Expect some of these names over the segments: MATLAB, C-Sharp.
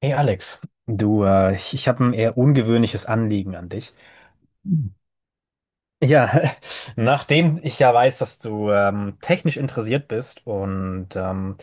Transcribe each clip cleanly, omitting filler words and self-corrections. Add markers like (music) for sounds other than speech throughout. Hey Alex, du, ich habe ein eher ungewöhnliches Anliegen an dich. Mhm. Ja, (laughs) nachdem ich ja weiß, dass du technisch interessiert bist und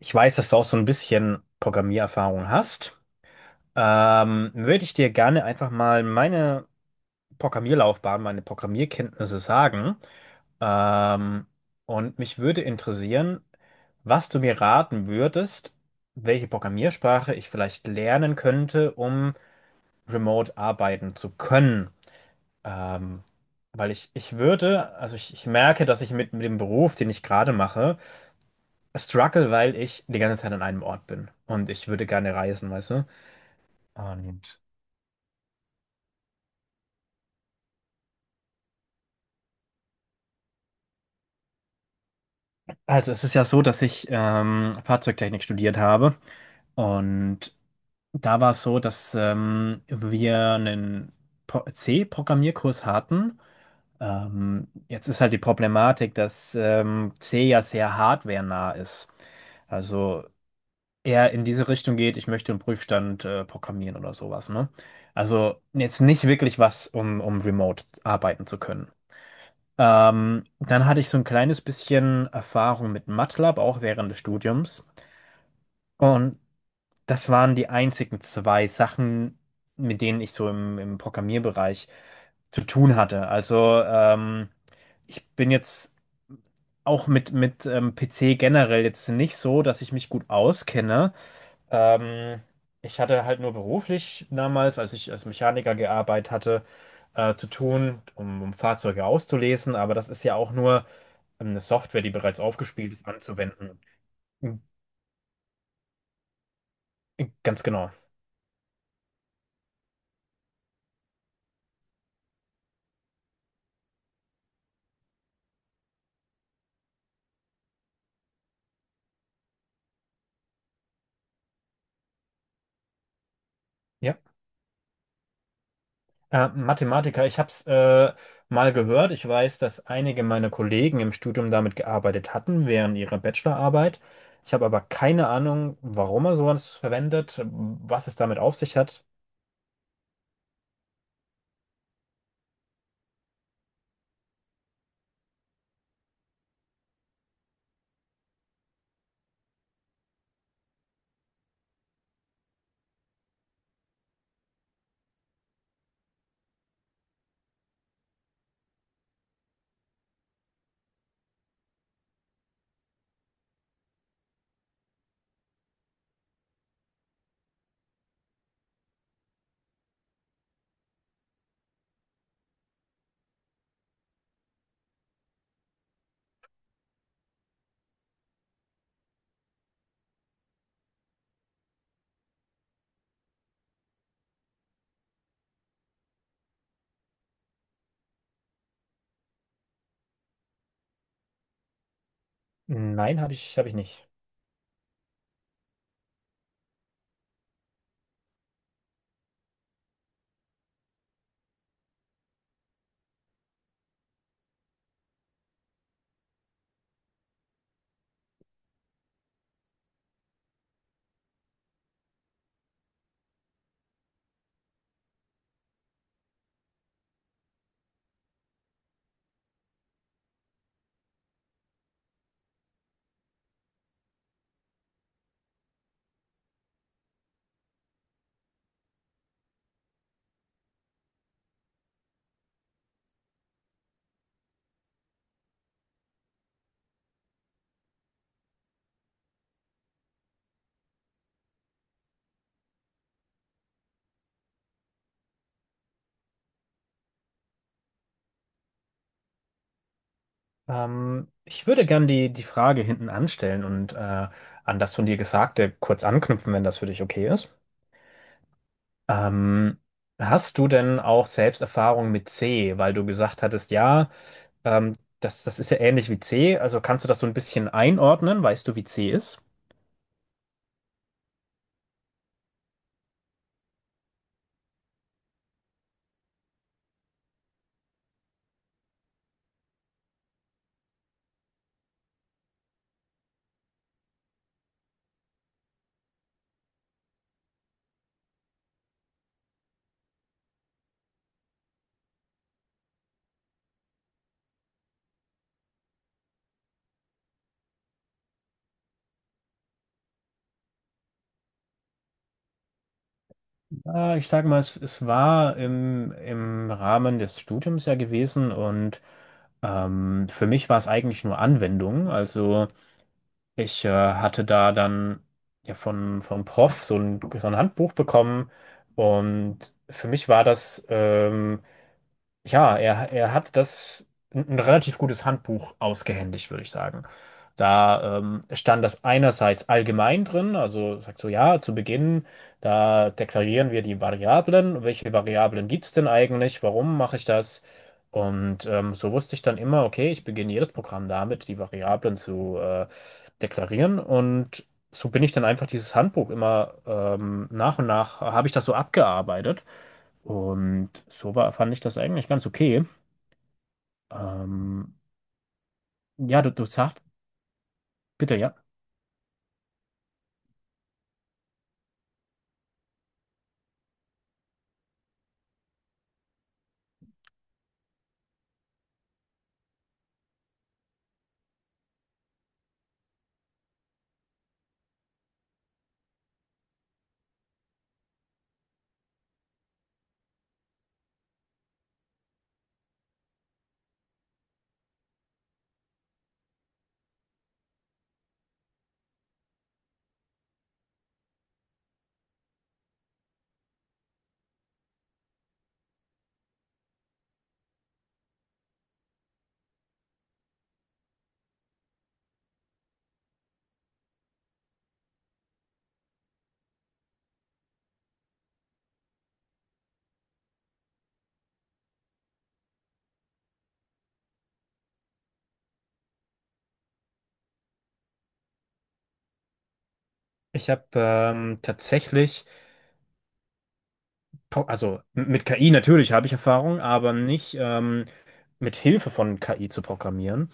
ich weiß, dass du auch so ein bisschen Programmiererfahrung hast, würde ich dir gerne einfach mal meine Programmierlaufbahn, meine Programmierkenntnisse sagen. Ähm, und mich würde interessieren, was du mir raten würdest, welche Programmiersprache ich vielleicht lernen könnte, um remote arbeiten zu können. Ähm, weil ich würde, also ich merke, dass ich mit dem Beruf, den ich gerade mache, struggle, weil ich die ganze Zeit an einem Ort bin. Und ich würde gerne reisen, weißt du? Und also es ist ja so, dass ich Fahrzeugtechnik studiert habe. Und da war es so, dass wir einen C-Programmierkurs hatten. Jetzt ist halt die Problematik, dass C ja sehr hardwarenah ist. Also eher in diese Richtung geht, ich möchte einen Prüfstand programmieren oder sowas, ne? Also jetzt nicht wirklich was, um remote arbeiten zu können. Dann hatte ich so ein kleines bisschen Erfahrung mit MATLAB, auch während des Studiums. Und das waren die einzigen zwei Sachen, mit denen ich so im Programmierbereich zu tun hatte. Also ich bin jetzt auch mit PC generell jetzt nicht so, dass ich mich gut auskenne. Ähm, Ich hatte halt nur beruflich damals, als ich als Mechaniker gearbeitet hatte, zu tun, um Fahrzeuge auszulesen, aber das ist ja auch nur eine Software, die bereits aufgespielt ist, anzuwenden. Mhm. Ganz genau. Ja. Mathematiker, ich habe es mal gehört. Ich weiß, dass einige meiner Kollegen im Studium damit gearbeitet hatten, während ihrer Bachelorarbeit. Ich habe aber keine Ahnung, warum er sowas verwendet, was es damit auf sich hat. Nein, habe ich nicht. Ich würde gern die Frage hinten anstellen und an das von dir Gesagte kurz anknüpfen, wenn das für dich okay ist. Ähm, hast du denn auch selbst Erfahrung mit C, weil du gesagt hattest, ja, ähm, das ist ja ähnlich wie C, also kannst du das so ein bisschen einordnen? Weißt du, wie C ist? Ich sage mal, es war im Rahmen des Studiums ja gewesen und für mich war es eigentlich nur Anwendung, also. Ich hatte da dann ja von vom Prof so ein Handbuch bekommen und für mich war das ja, er hat das ein relativ gutes Handbuch ausgehändigt, würde ich sagen. Da stand das einerseits allgemein drin, also sagt so, ja, zu Beginn, da deklarieren wir die Variablen, welche Variablen gibt es denn eigentlich, warum mache ich das? Und so wusste ich dann immer, okay, ich beginne jedes Programm damit, die Variablen zu deklarieren. Und so bin ich dann einfach dieses Handbuch immer nach und nach, habe ich das so abgearbeitet. Und so war, fand ich das eigentlich ganz okay. Ähm, ja, du sagst, bitte, ja. Ich habe tatsächlich, mit KI natürlich habe ich Erfahrung, aber nicht mit Hilfe von KI zu programmieren.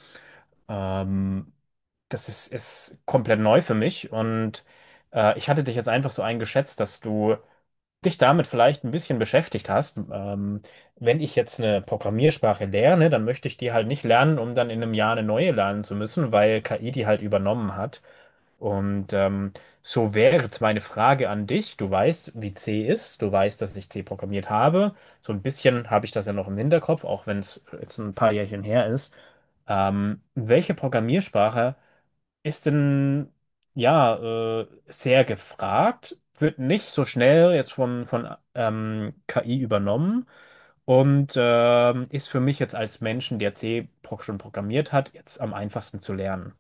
Ähm, Das ist komplett neu für mich und ich hatte dich jetzt einfach so eingeschätzt, dass du dich damit vielleicht ein bisschen beschäftigt hast, wenn ich jetzt eine Programmiersprache lerne, dann möchte ich die halt nicht lernen, um dann in einem Jahr eine neue lernen zu müssen, weil KI die halt übernommen hat. Und so wäre jetzt meine Frage an dich. Du weißt, wie C ist, du weißt, dass ich C programmiert habe. So ein bisschen habe ich das ja noch im Hinterkopf, auch wenn es jetzt ein paar Jährchen her ist. Welche Programmiersprache ist denn ja sehr gefragt, wird nicht so schnell jetzt von KI übernommen und ist für mich jetzt als Menschen, der C schon programmiert hat, jetzt am einfachsten zu lernen.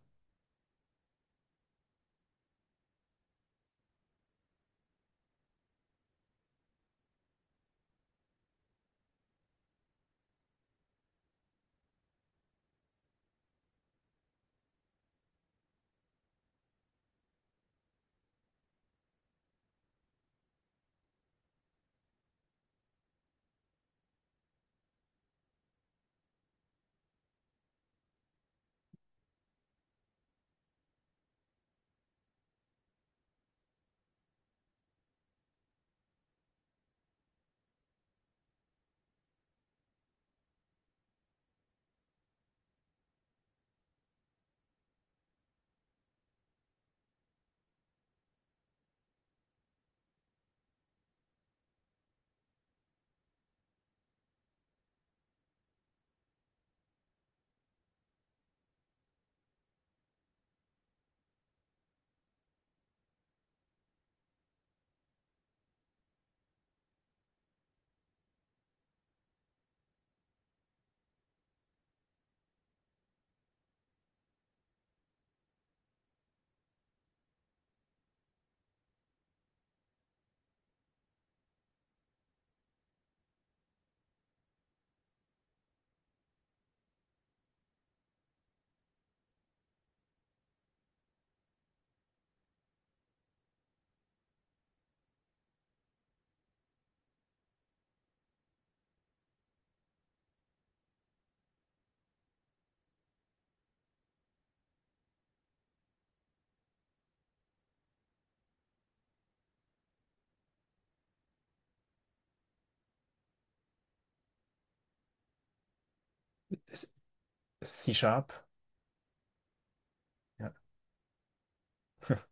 C-Sharp. Ja, (laughs)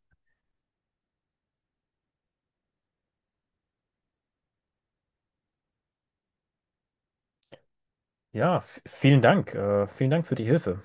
ja vielen Dank. Vielen Dank für die Hilfe.